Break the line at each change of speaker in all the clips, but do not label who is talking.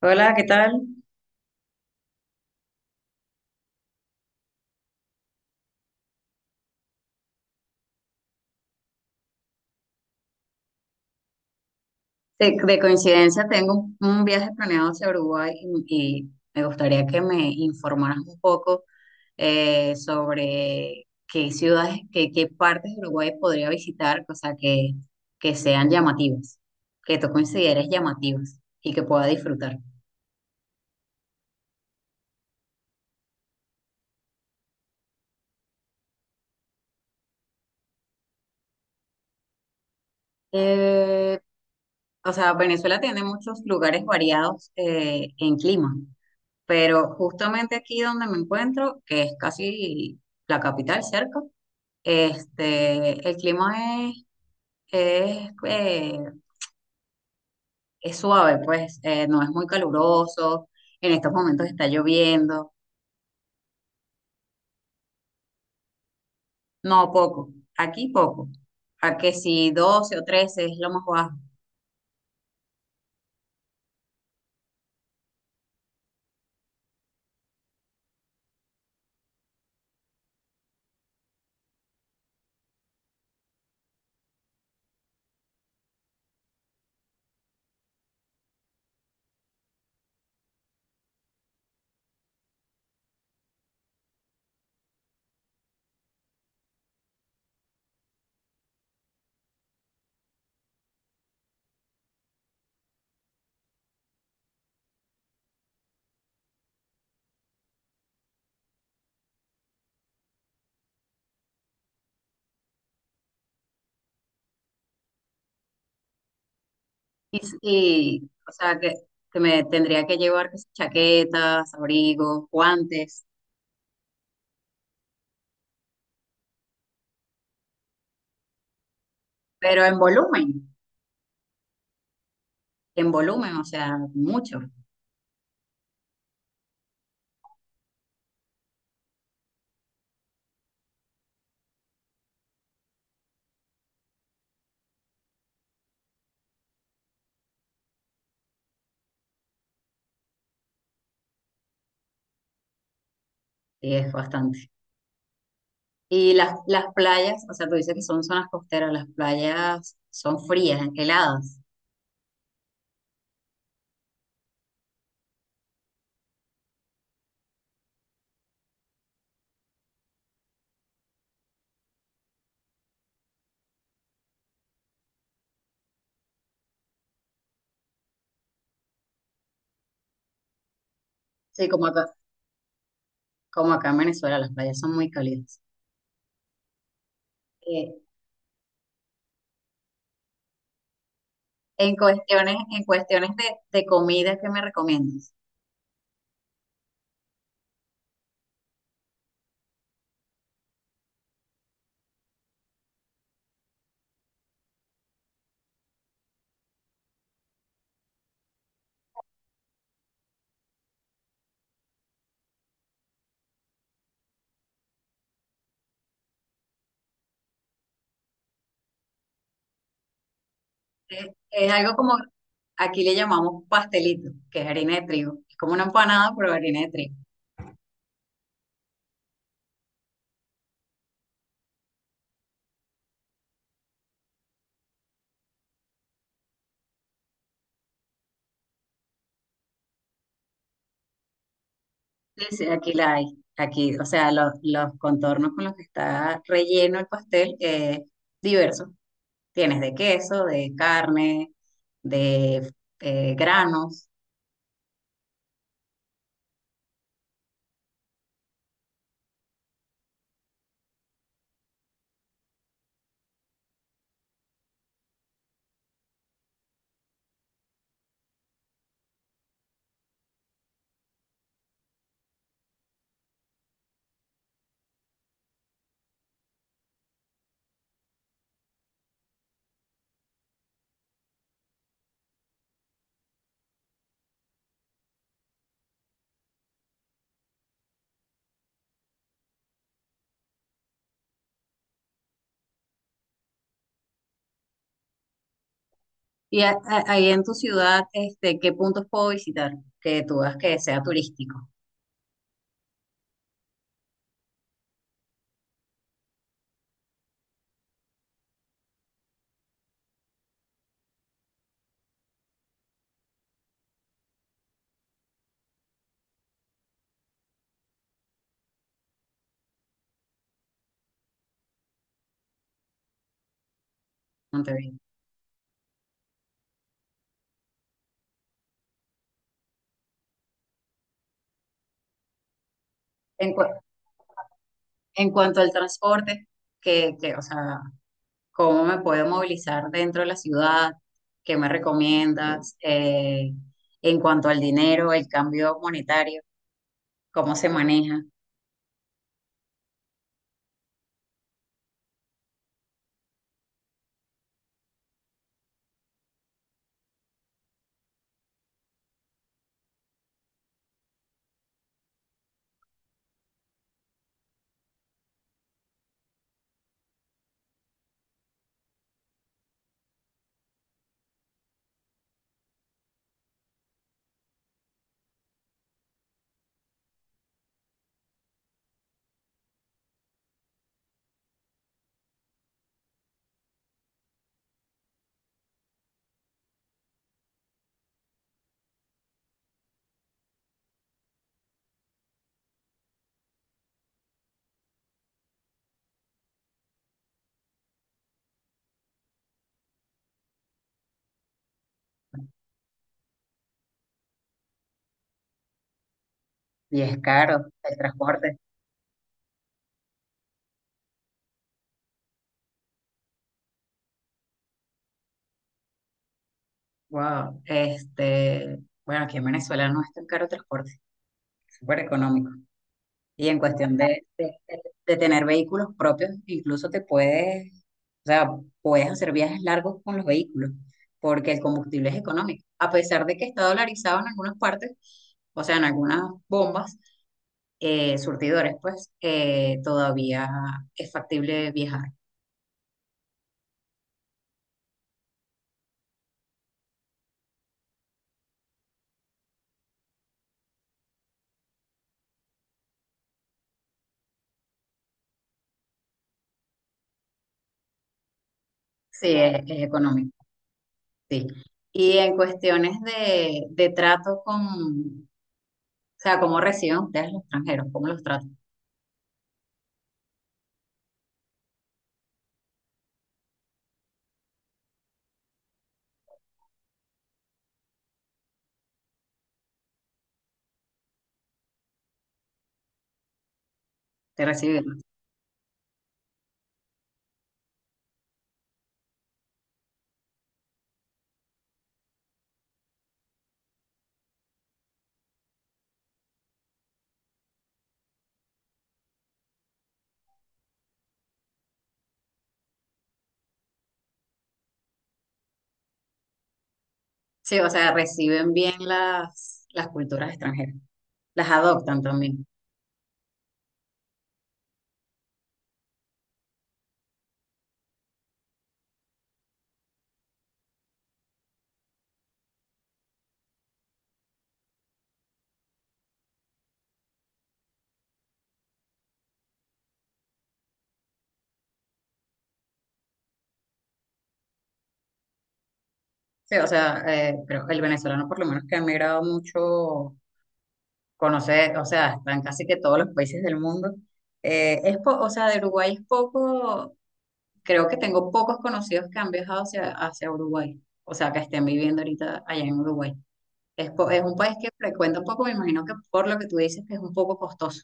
Hola, ¿qué tal? De coincidencia tengo un viaje planeado hacia Uruguay y me gustaría que me informaras un poco sobre qué ciudades, qué partes de Uruguay podría visitar, o sea, que sean llamativas, que tú consideres llamativas y que pueda disfrutar. Eh, o sea, Venezuela tiene muchos lugares variados en clima, pero justamente aquí donde me encuentro, que es casi la capital cerca. Este, el clima es, eh, es suave, pues no es muy caluroso. En estos momentos está lloviendo. No, poco. Aquí poco. A que si 12 o 13 es lo más bajo. O sea, que me tendría que llevar que si chaquetas, abrigos, guantes, pero en volumen, o sea, mucho. Y es bastante. Y las playas, o sea, tú dices que son zonas costeras, las playas son frías, heladas. Sí, como acá en Venezuela, las playas son muy cálidas. Eh, en cuestiones, en cuestiones de comida, ¿qué me recomiendas? Es algo como, aquí le llamamos pastelito, que es harina de trigo. Es como una empanada, pero harina de trigo. Sí, sí, aquí la hay. Aquí, o sea, los contornos con los que está relleno el pastel es diverso. Tienes de queso, de carne, de granos. Y ahí en tu ciudad, este, ¿qué puntos puedo visitar que tú veas que sea turístico? Monterrey. En, cu- en cuanto al transporte, o sea, ¿cómo me puedo movilizar dentro de la ciudad? ¿Qué me recomiendas? En cuanto al dinero, el cambio monetario, ¿cómo se maneja? Y es caro el transporte. Wow, este, bueno, aquí en Venezuela no es tan caro el transporte, es súper económico. Y en cuestión de, tener vehículos propios, incluso te puedes, o sea, puedes hacer viajes largos con los vehículos, porque el combustible es económico. A pesar de que está dolarizado en algunas partes, o sea, en algunas bombas, surtidores, pues, todavía es factible viajar. Sí, es económico, sí. Y en cuestiones de trato con, o sea, ¿cómo reciben ustedes los extranjeros? ¿Cómo los tratan? ¿Te reciben? Sí, o sea, reciben bien las culturas extranjeras. Las adoptan también. Sí, o sea, pero el venezolano, por lo menos que ha emigrado mucho, conoce, o sea, están casi que todos los países del mundo. Es o sea, de Uruguay es poco, creo que tengo pocos conocidos que han viajado hacia Uruguay. O sea, que estén viviendo ahorita allá en Uruguay. Es, es un país que frecuenta un poco, me imagino que por lo que tú dices, que es un poco costoso.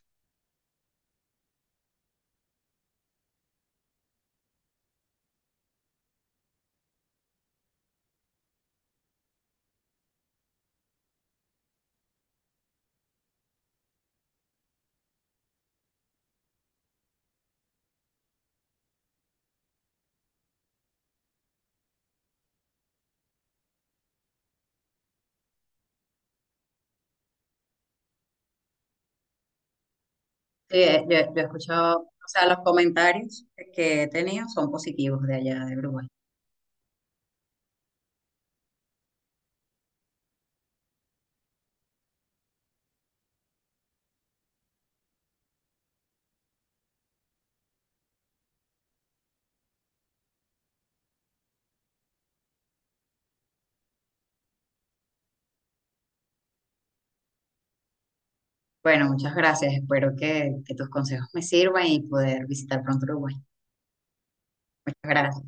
Sí, yo he escuchado, o sea, los comentarios que he tenido son positivos de allá de Uruguay. Bueno, muchas gracias. Espero que tus consejos me sirvan y poder visitar pronto Uruguay. Muchas gracias.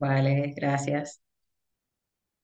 Vale, gracias.